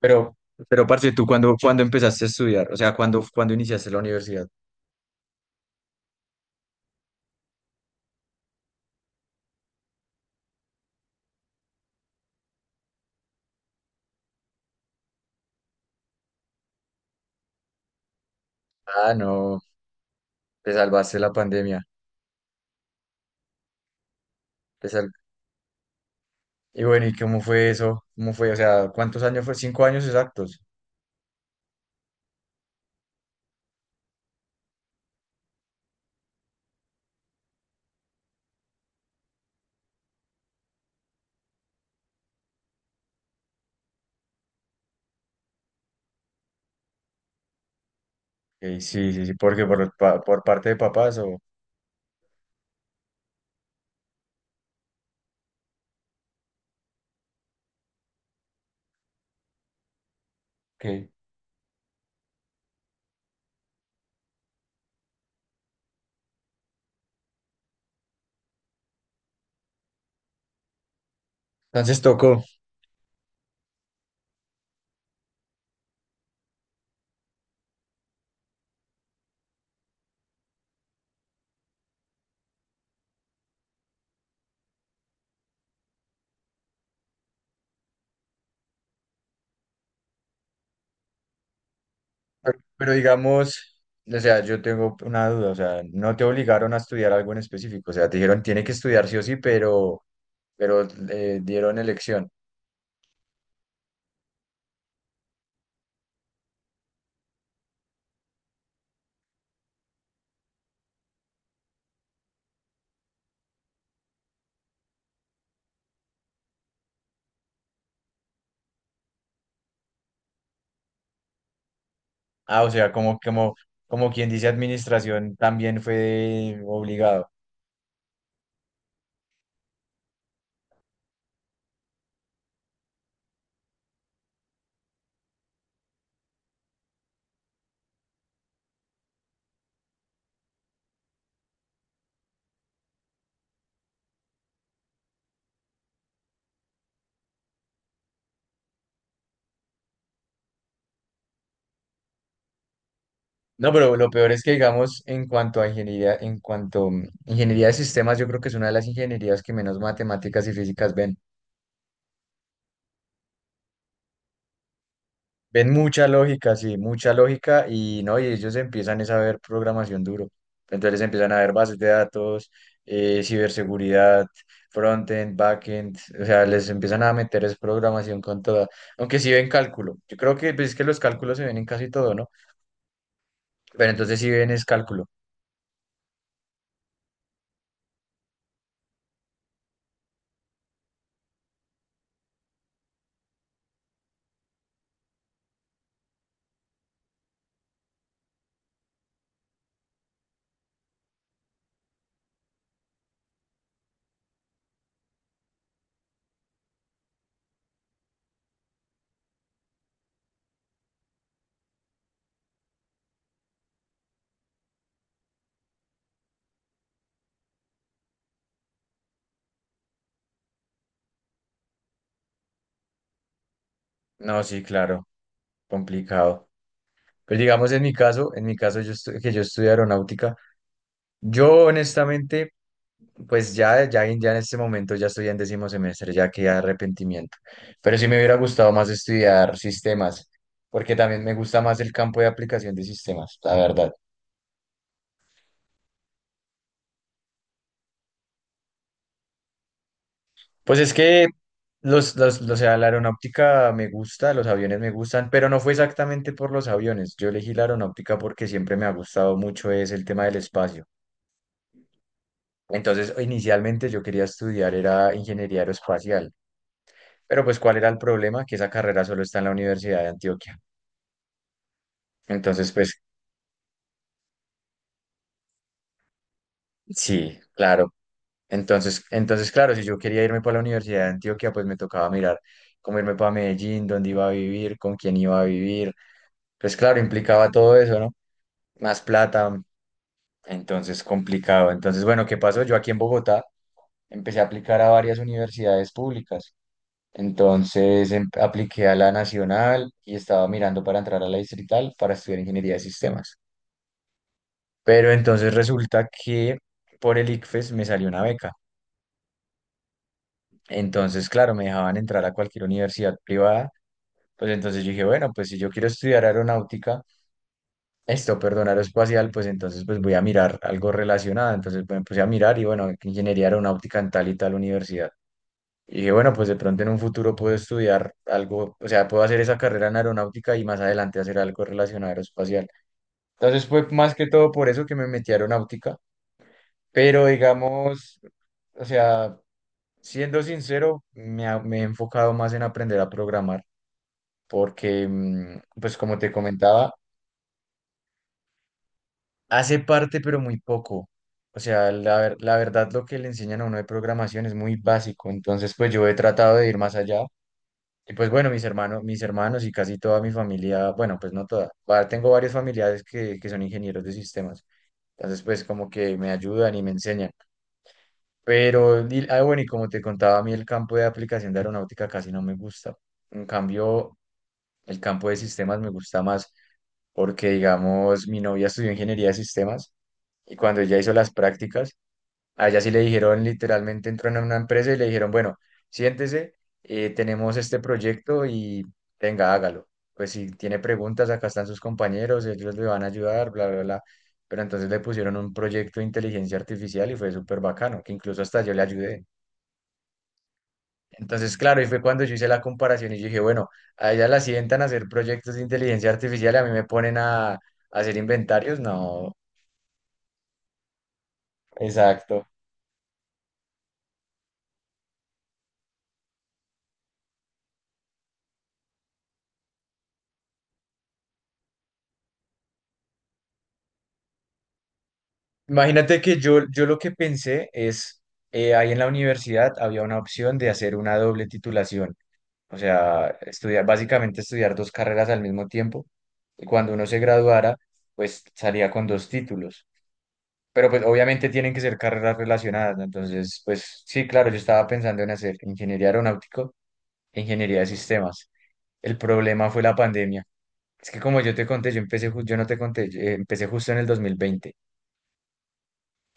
Pero, pero parce, ¿tú cuándo empezaste a estudiar? O sea, ¿cuándo iniciaste la universidad? Ah, no, te salvaste la pandemia. te sal- Y bueno, ¿y cómo fue eso? ¿Cómo fue? O sea, ¿cuántos años fue? ¿5 años exactos? Ok, sí, sí, sí, porque por parte de papás o... ok. Entonces tocó. Pero digamos, o sea, yo tengo una duda, o sea, no te obligaron a estudiar algo en específico, o sea, te dijeron, tiene que estudiar sí o sí, pero dieron elección. Ah, o sea, como quien dice administración también fue obligado. No, pero lo peor es que, digamos, en cuanto a ingeniería, en cuanto ingeniería de sistemas, yo creo que es una de las ingenierías que menos matemáticas y físicas ven. Ven mucha lógica, sí, mucha lógica y no, y ellos empiezan es a ver programación duro. Entonces empiezan a ver bases de datos, ciberseguridad, frontend, backend, o sea, les empiezan a meter es programación con toda. Aunque sí ven cálculo. Yo creo que pues, es que los cálculos se ven en casi todo, ¿no? Pero entonces si bien es cálculo. No, sí, claro, complicado. Pero digamos en mi caso, que yo estudio aeronáutica, yo honestamente, pues ya en este momento ya estoy en 10.º semestre, ya que arrepentimiento. Pero sí me hubiera gustado más estudiar sistemas, porque también me gusta más el campo de aplicación de sistemas, la verdad. Pues es que o sea, la aeronáutica me gusta, los aviones me gustan, pero no fue exactamente por los aviones. Yo elegí la aeronáutica porque siempre me ha gustado mucho es el tema del espacio. Entonces, inicialmente yo quería estudiar era ingeniería aeroespacial, pero pues ¿cuál era el problema? Que esa carrera solo está en la Universidad de Antioquia. Entonces, pues sí, claro. Entonces, claro, si yo quería irme para la Universidad de Antioquia, pues me tocaba mirar cómo irme para Medellín, dónde iba a vivir, con quién iba a vivir. Pues claro, implicaba todo eso, ¿no? Más plata, entonces complicado. Entonces, bueno, ¿qué pasó? Yo aquí en Bogotá empecé a aplicar a varias universidades públicas. Entonces apliqué a la Nacional y estaba mirando para entrar a la Distrital para estudiar ingeniería de sistemas. Pero entonces resulta que por el ICFES me salió una beca. Entonces, claro, me dejaban entrar a cualquier universidad privada. Pues entonces yo dije, bueno, pues si yo quiero estudiar aeronáutica, esto, perdón, aeroespacial, pues entonces pues voy a mirar algo relacionado. Entonces pues, me puse a mirar y bueno, ingeniería aeronáutica en tal y tal universidad. Y dije, bueno, pues de pronto en un futuro puedo estudiar algo, o sea, puedo hacer esa carrera en aeronáutica y más adelante hacer algo relacionado a aeroespacial. Entonces fue más que todo por eso que me metí a aeronáutica, pero digamos, o sea, siendo sincero, me he enfocado más en aprender a programar, porque, pues como te comentaba, hace parte, pero muy poco. O sea, la verdad lo que le enseñan a uno de programación es muy básico. Entonces, pues yo he tratado de ir más allá. Y pues bueno, mis hermanos y casi toda mi familia, bueno, pues no toda. Tengo varios familiares que son ingenieros de sistemas. Entonces, pues como que me ayudan y me enseñan. Ah, bueno, y como te contaba, a mí el campo de aplicación de aeronáutica casi no me gusta. En cambio, el campo de sistemas me gusta más porque, digamos, mi novia estudió ingeniería de sistemas y cuando ella hizo las prácticas, a ella sí le dijeron, literalmente entró en una empresa y le dijeron, bueno, siéntese, tenemos este proyecto y venga, hágalo. Pues si tiene preguntas, acá están sus compañeros, ellos le van a ayudar, bla, bla, bla. Pero entonces le pusieron un proyecto de inteligencia artificial y fue súper bacano, que incluso hasta yo le ayudé. Entonces, claro, y fue cuando yo hice la comparación y yo dije, bueno, a ella la sientan a hacer proyectos de inteligencia artificial y a mí me ponen a hacer inventarios. No, exacto. Imagínate que yo lo que pensé es, ahí en la universidad había una opción de hacer una doble titulación, o sea, estudiar, básicamente estudiar dos carreras al mismo tiempo, y cuando uno se graduara, pues salía con dos títulos, pero pues obviamente tienen que ser carreras relacionadas, ¿no? Entonces, pues sí, claro, yo estaba pensando en hacer ingeniería aeronáutico e ingeniería de sistemas. El problema fue la pandemia. Es que como yo te conté, yo no te conté, yo, empecé justo en el 2020.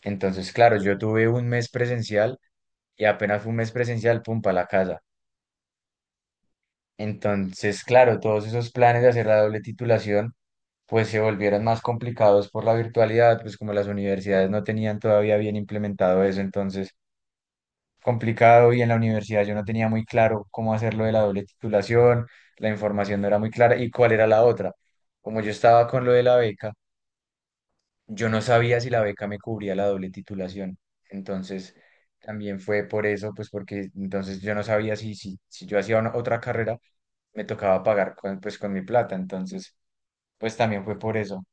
Entonces, claro, yo tuve un mes presencial y apenas fue un mes presencial, pum, para la casa. Entonces, claro, todos esos planes de hacer la doble titulación, pues se volvieron más complicados por la virtualidad, pues como las universidades no tenían todavía bien implementado eso, entonces complicado y en la universidad yo no tenía muy claro cómo hacerlo de la doble titulación, la información no era muy clara y cuál era la otra. Como yo estaba con lo de la beca, yo no sabía si la beca me cubría la doble titulación. Entonces, también fue por eso, pues porque entonces yo no sabía si yo hacía otra carrera, me tocaba pagar con, pues con mi plata. Entonces, pues también fue por eso.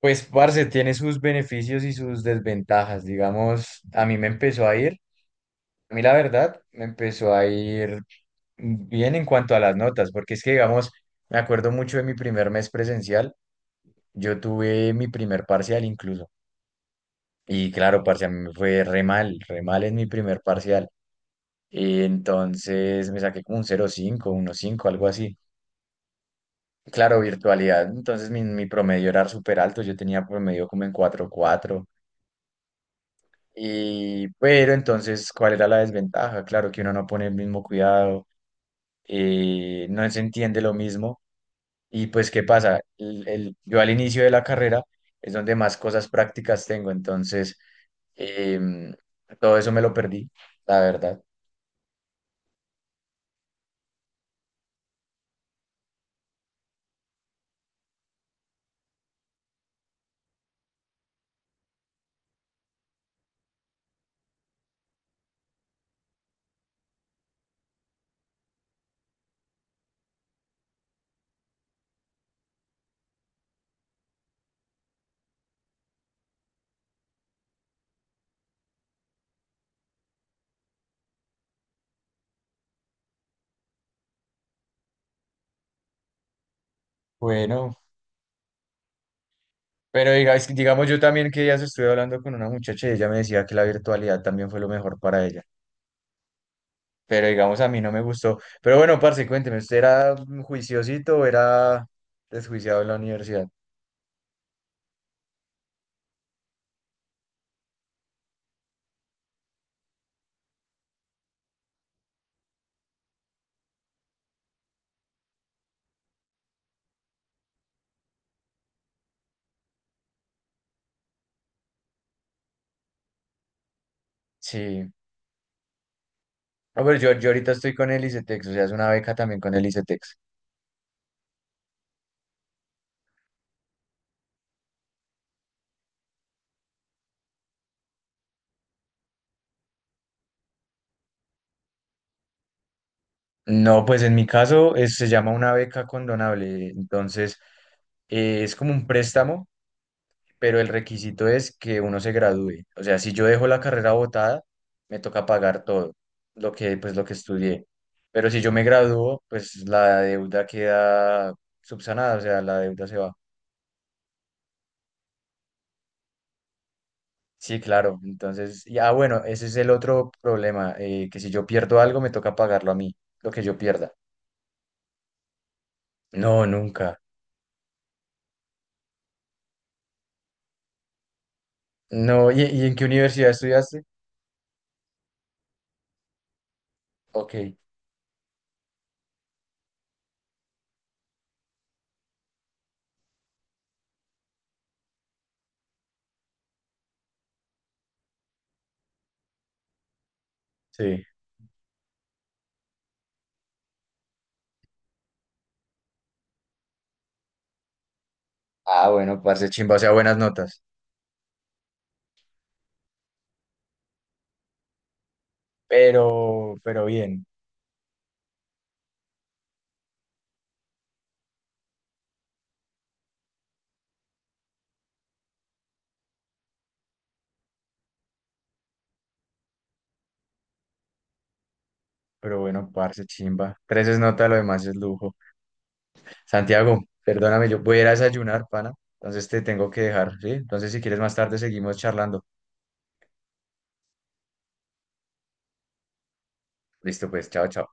Pues, parce, tiene sus beneficios y sus desventajas. Digamos, a mí me empezó a ir, a mí la verdad, me empezó a ir bien en cuanto a las notas, porque es que, digamos, me acuerdo mucho de mi primer mes presencial. Yo tuve mi primer parcial incluso. Y claro, parce, a mí me fue re mal en mi primer parcial. Y entonces me saqué como un 0,5, cinco algo así. Claro, virtualidad. Entonces mi promedio era súper alto. Yo tenía promedio como en 4,4. Y, pero entonces, ¿cuál era la desventaja? Claro que uno no pone el mismo cuidado, no se entiende lo mismo. Y pues, ¿qué pasa? Yo al inicio de la carrera es donde más cosas prácticas tengo. Entonces, em, todo eso me lo perdí, la verdad. Bueno, es que, digamos, yo también que días estuve hablando con una muchacha y ella me decía que la virtualidad también fue lo mejor para ella. Pero digamos, a mí no me gustó. Pero bueno, parce, cuénteme, ¿usted era juiciosito o era desjuiciado en la universidad? Sí. A ver, yo ahorita estoy con el ICETEX, o sea, es una beca también con el ICETEX. No, pues en mi caso se llama una beca condonable. Entonces, es como un préstamo pero el requisito es que uno se gradúe. O sea, si yo dejo la carrera botada, me toca pagar todo lo que, pues, lo que estudié. Pero si yo me gradúo, pues la deuda queda subsanada, o sea, la deuda se va. Sí, claro. Entonces, ya bueno, ese es el otro problema, que si yo pierdo algo, me toca pagarlo a mí, lo que yo pierda. No, nunca. No, ¿y en qué universidad estudiaste? Ok, sí. Ah, bueno, parce chimba, o sea, buenas notas. Pero bien. Pero bueno, parce, chimba. Tres es nota, lo demás es lujo. Santiago, perdóname, yo voy a ir a desayunar, pana. Entonces te tengo que dejar, ¿sí? Entonces si quieres más tarde seguimos charlando. Listo, pues, chao, chao.